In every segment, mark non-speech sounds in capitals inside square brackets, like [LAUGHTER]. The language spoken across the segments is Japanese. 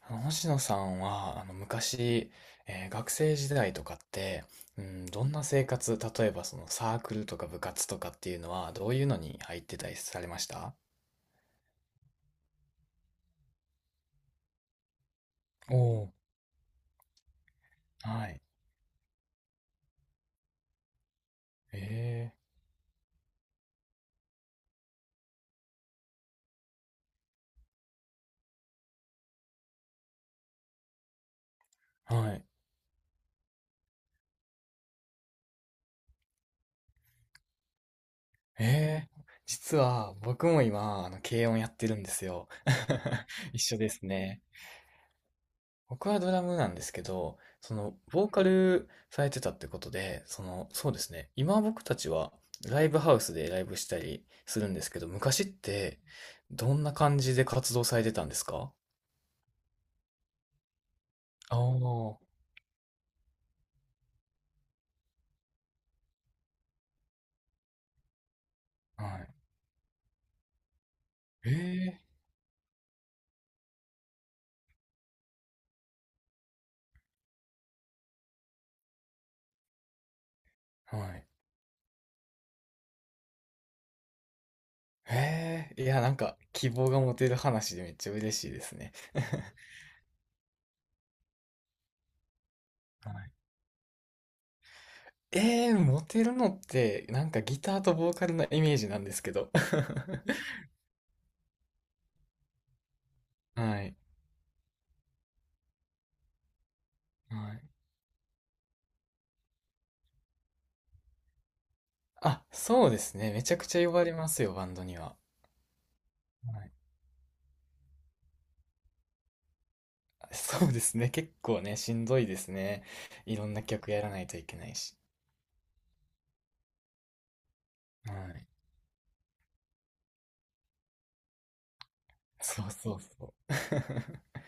星野さんは、昔、学生時代とかって、うん、どんな生活、例えばそのサークルとか部活とかっていうのは、どういうのに入ってたりされました？おー、はい。えー、はい。えー、実は僕も今、軽音やってるんですよ。[LAUGHS] 一緒ですね。僕はドラムなんですけど、ボーカルされてたってことで、そうですね。今僕たちはライブハウスでライブしたりするんですけど、昔ってどんな感じで活動されてたんですか？ああー、はい。ええ、はい。ええ、いや、希望が持てる話でめっちゃ嬉しいですね。[LAUGHS] はい。[LAUGHS] ええ、モテるのって、なんかギターとボーカルのイメージなんですけど。[LAUGHS] はい。はい。あ、そうですね。めちゃくちゃ呼ばれますよ、バンドには。はい。そうですね。結構ね、しんどいですね。いろんな曲やらないといけないし。はい。そうそうそう。[LAUGHS]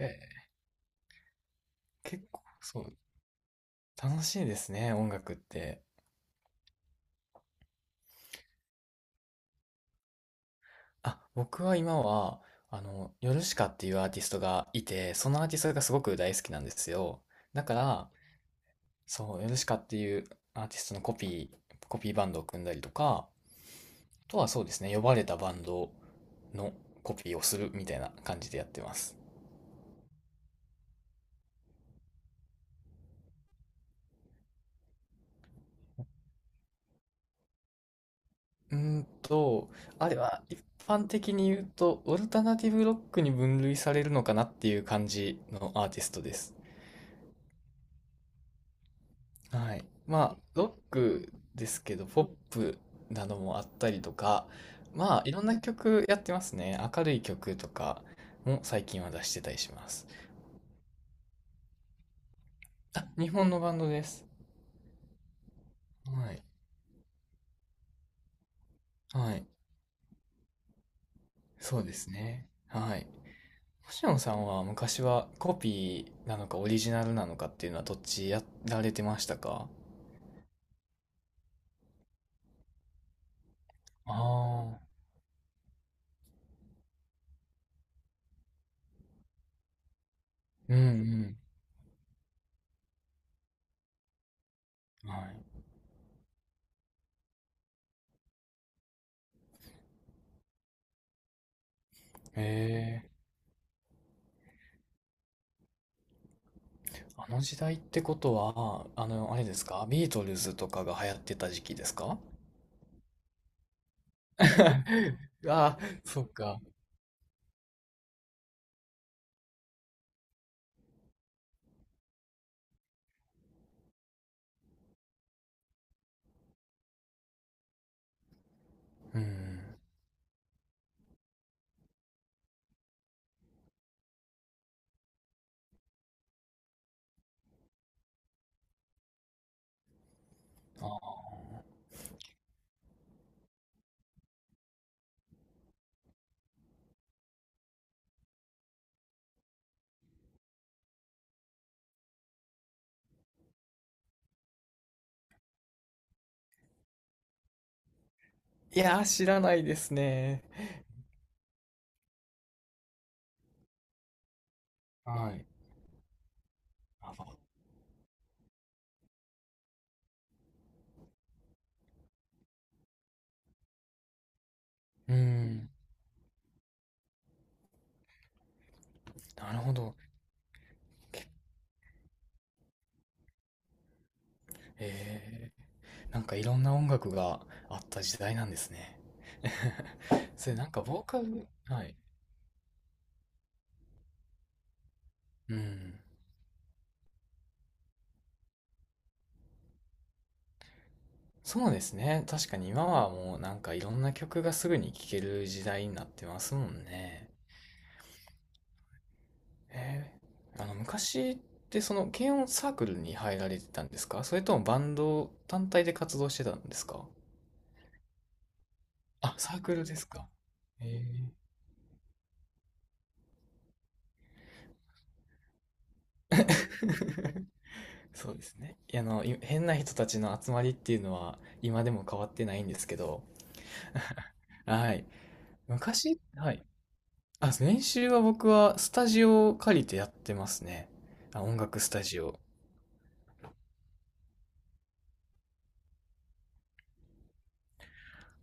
え、結構、楽しいですね、音楽って。あ、僕は今は、ヨルシカっていうアーティストがいて、そのアーティストがすごく大好きなんですよ。だから、そう、ヨルシカっていうアーティストのコピーバンドを組んだりとか、とはそうですね、呼ばれたバンドのコピーをするみたいな感じでやってます。うーんと、あれは一般的に言うと、オルタナティブロックに分類されるのかなっていう感じのアーティストです。はい。まあ、ロックですけど、ポップなどもあったりとか、まあ、いろんな曲やってますね。明るい曲とかも最近は出してたりします。あ、日本のバンドです。はい。はい。そうですね。はい。星野さんは昔はコピーなのかオリジナルなのかっていうのはどっちやられてましたか？ああー、うんうん。はい。ええ、あの時代ってことは、あれですか？ビートルズとかが流行ってた時期ですか？ [LAUGHS] ああ、そっか。うん。あ、いやー、知らないですね。はい。あ、うん。なるほど。ええ、なんかいろんな音楽があった時代なんですね。[LAUGHS] それなんかボーカル、はい。うん。そうですね。確かに今はもうなんかいろんな曲がすぐに聴ける時代になってますもんね。えー、あの昔ってその軽音サークルに入られてたんですか？それともバンド単体で活動してたんですか？あ、サークルですか。えー。 [LAUGHS] そうですね。変な人たちの集まりっていうのは今でも変わってないんですけど、[LAUGHS] はい。昔、はい。あ、練習は僕はスタジオを借りてやってますね。あ、音楽スタジオ。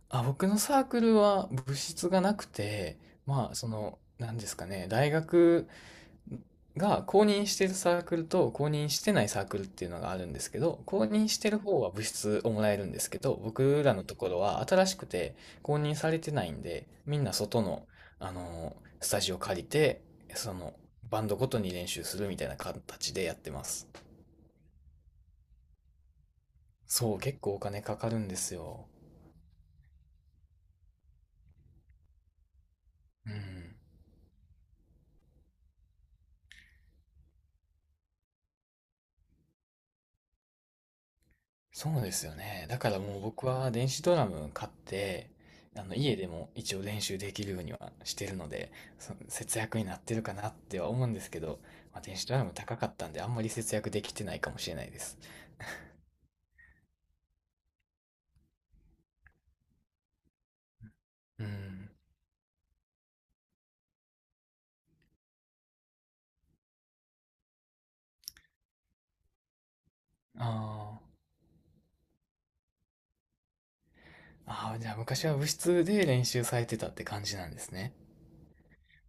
あ、僕のサークルは部室がなくて、まあ、なんですかね、大学が公認してるサークルと公認してないサークルっていうのがあるんですけど、公認してる方は部室をもらえるんですけど、僕らのところは新しくて公認されてないんで、みんな外の、あのースタジオ借りて、そのバンドごとに練習するみたいな形でやってます。そう、結構お金かかるんですよ。うん。そうですよね。だからもう僕は電子ドラム買って、あの家でも一応練習できるようにはしてるので、そ節約になってるかなっては思うんですけど、まあ、電子ドラム高かったんであんまり節約できてないかもしれないです。うん。あー、あー、じゃあ昔は部室で練習されてたって感じなんですね。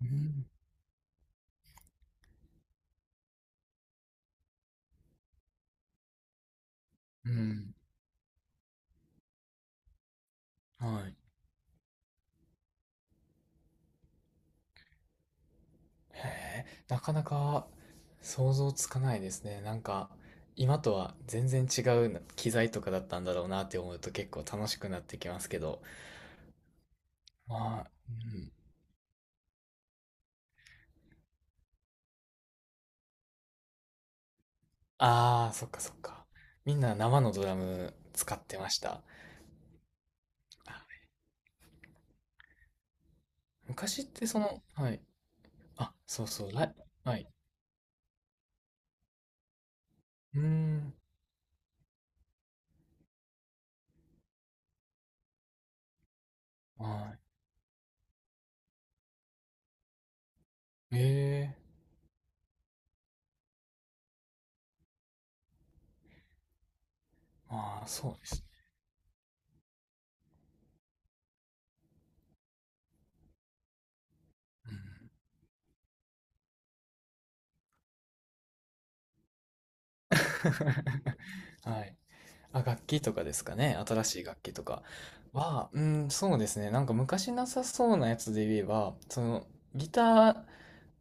うん。うん。はい。へえ、なかなか想像つかないですね。なんか今とは全然違う機材とかだったんだろうなって思うと結構楽しくなってきますけど。まあ、うん。ああ、そっかそっか。みんな生のドラム使ってました。あ、昔ってその、はい。あ、そうそう、ライ、はい。うーん、はい。ええ、まあ、そうです。うん。はい。あ、楽器とかですかね。新しい楽器とかは、うん、そうですね。なんか昔なさそうなやつで言えば、ギター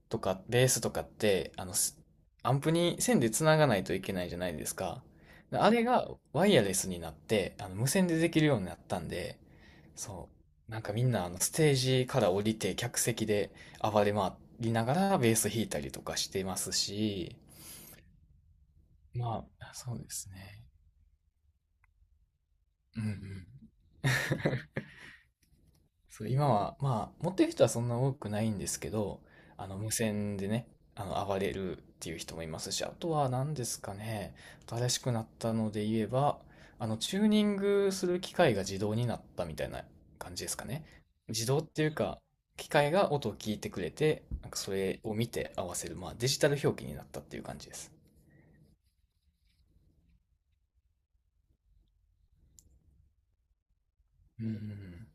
とかベースとかって、アンプに線でつながないといけないじゃないですか。であれがワイヤレスになって、無線でできるようになったんで、そう。なんかみんなあのステージから降りて客席で暴れ回りながらベース弾いたりとかしてますし、まあ、そうですね。うんうん。そう、今は、まあ、持ってる人はそんな多くないんですけど、無線でね、暴れるっていう人もいますし、あとは何ですかね、新しくなったので言えば、チューニングする機械が自動になったみたいな感じですかね。自動っていうか、機械が音を聞いてくれて、なんかそれを見て合わせる、まあ、デジタル表記になったっていう感じです。うんうんうん。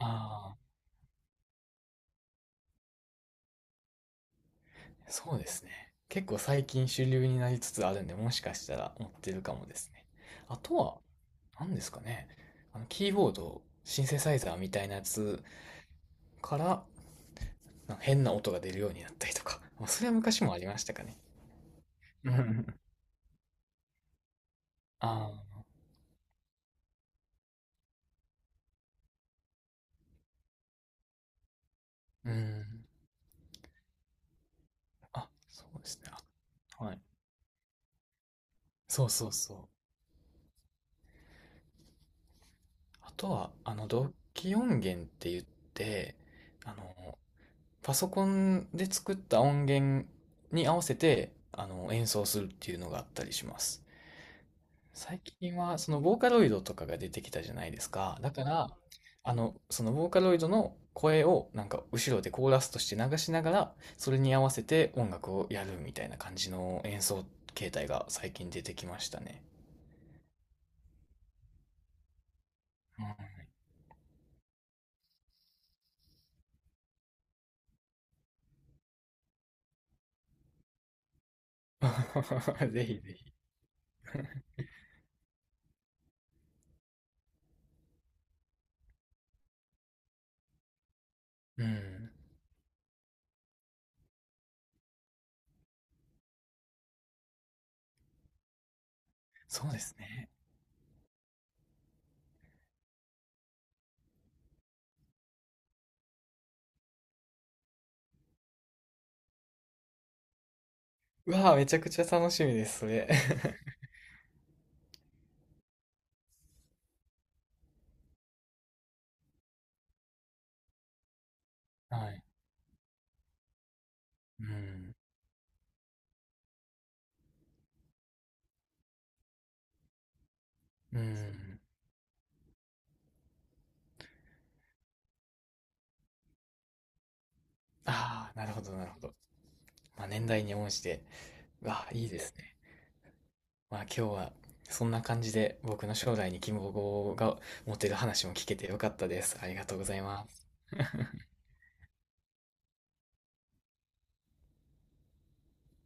ああ、そうですね。結構最近主流になりつつあるんで、もしかしたら持ってるかもですね。あとは、なんですかね。キーボード、シンセサイザーみたいなやつから、なんか変な音が出るようになったりとか。まあそれは昔もありましたかね。うん。ああ、うん。あ、そうですね。あ、はい。そうそうそう。あとは、同期音源って言って、あの、パソコンで作った音源に合わせて、演奏するっていうのがあったりします。最近はそのボーカロイドとかが出てきたじゃないですか。だから、そのボーカロイドの声をなんか後ろでコーラスとして流しながら、それに合わせて音楽をやるみたいな感じの演奏形態が最近出てきましたね。うん。 [LAUGHS] ぜひぜひ。うん。そうですね。うわあ、めちゃくちゃ楽しみです、それ。[LAUGHS] はい。うん。うん。ああ、なるほど、なるほど。まあ、年代に応じて。うわあ、いいですね。まあ今日はそんな感じで僕の将来に希望が持てる話も聞けてよかったです。ありがとうございます。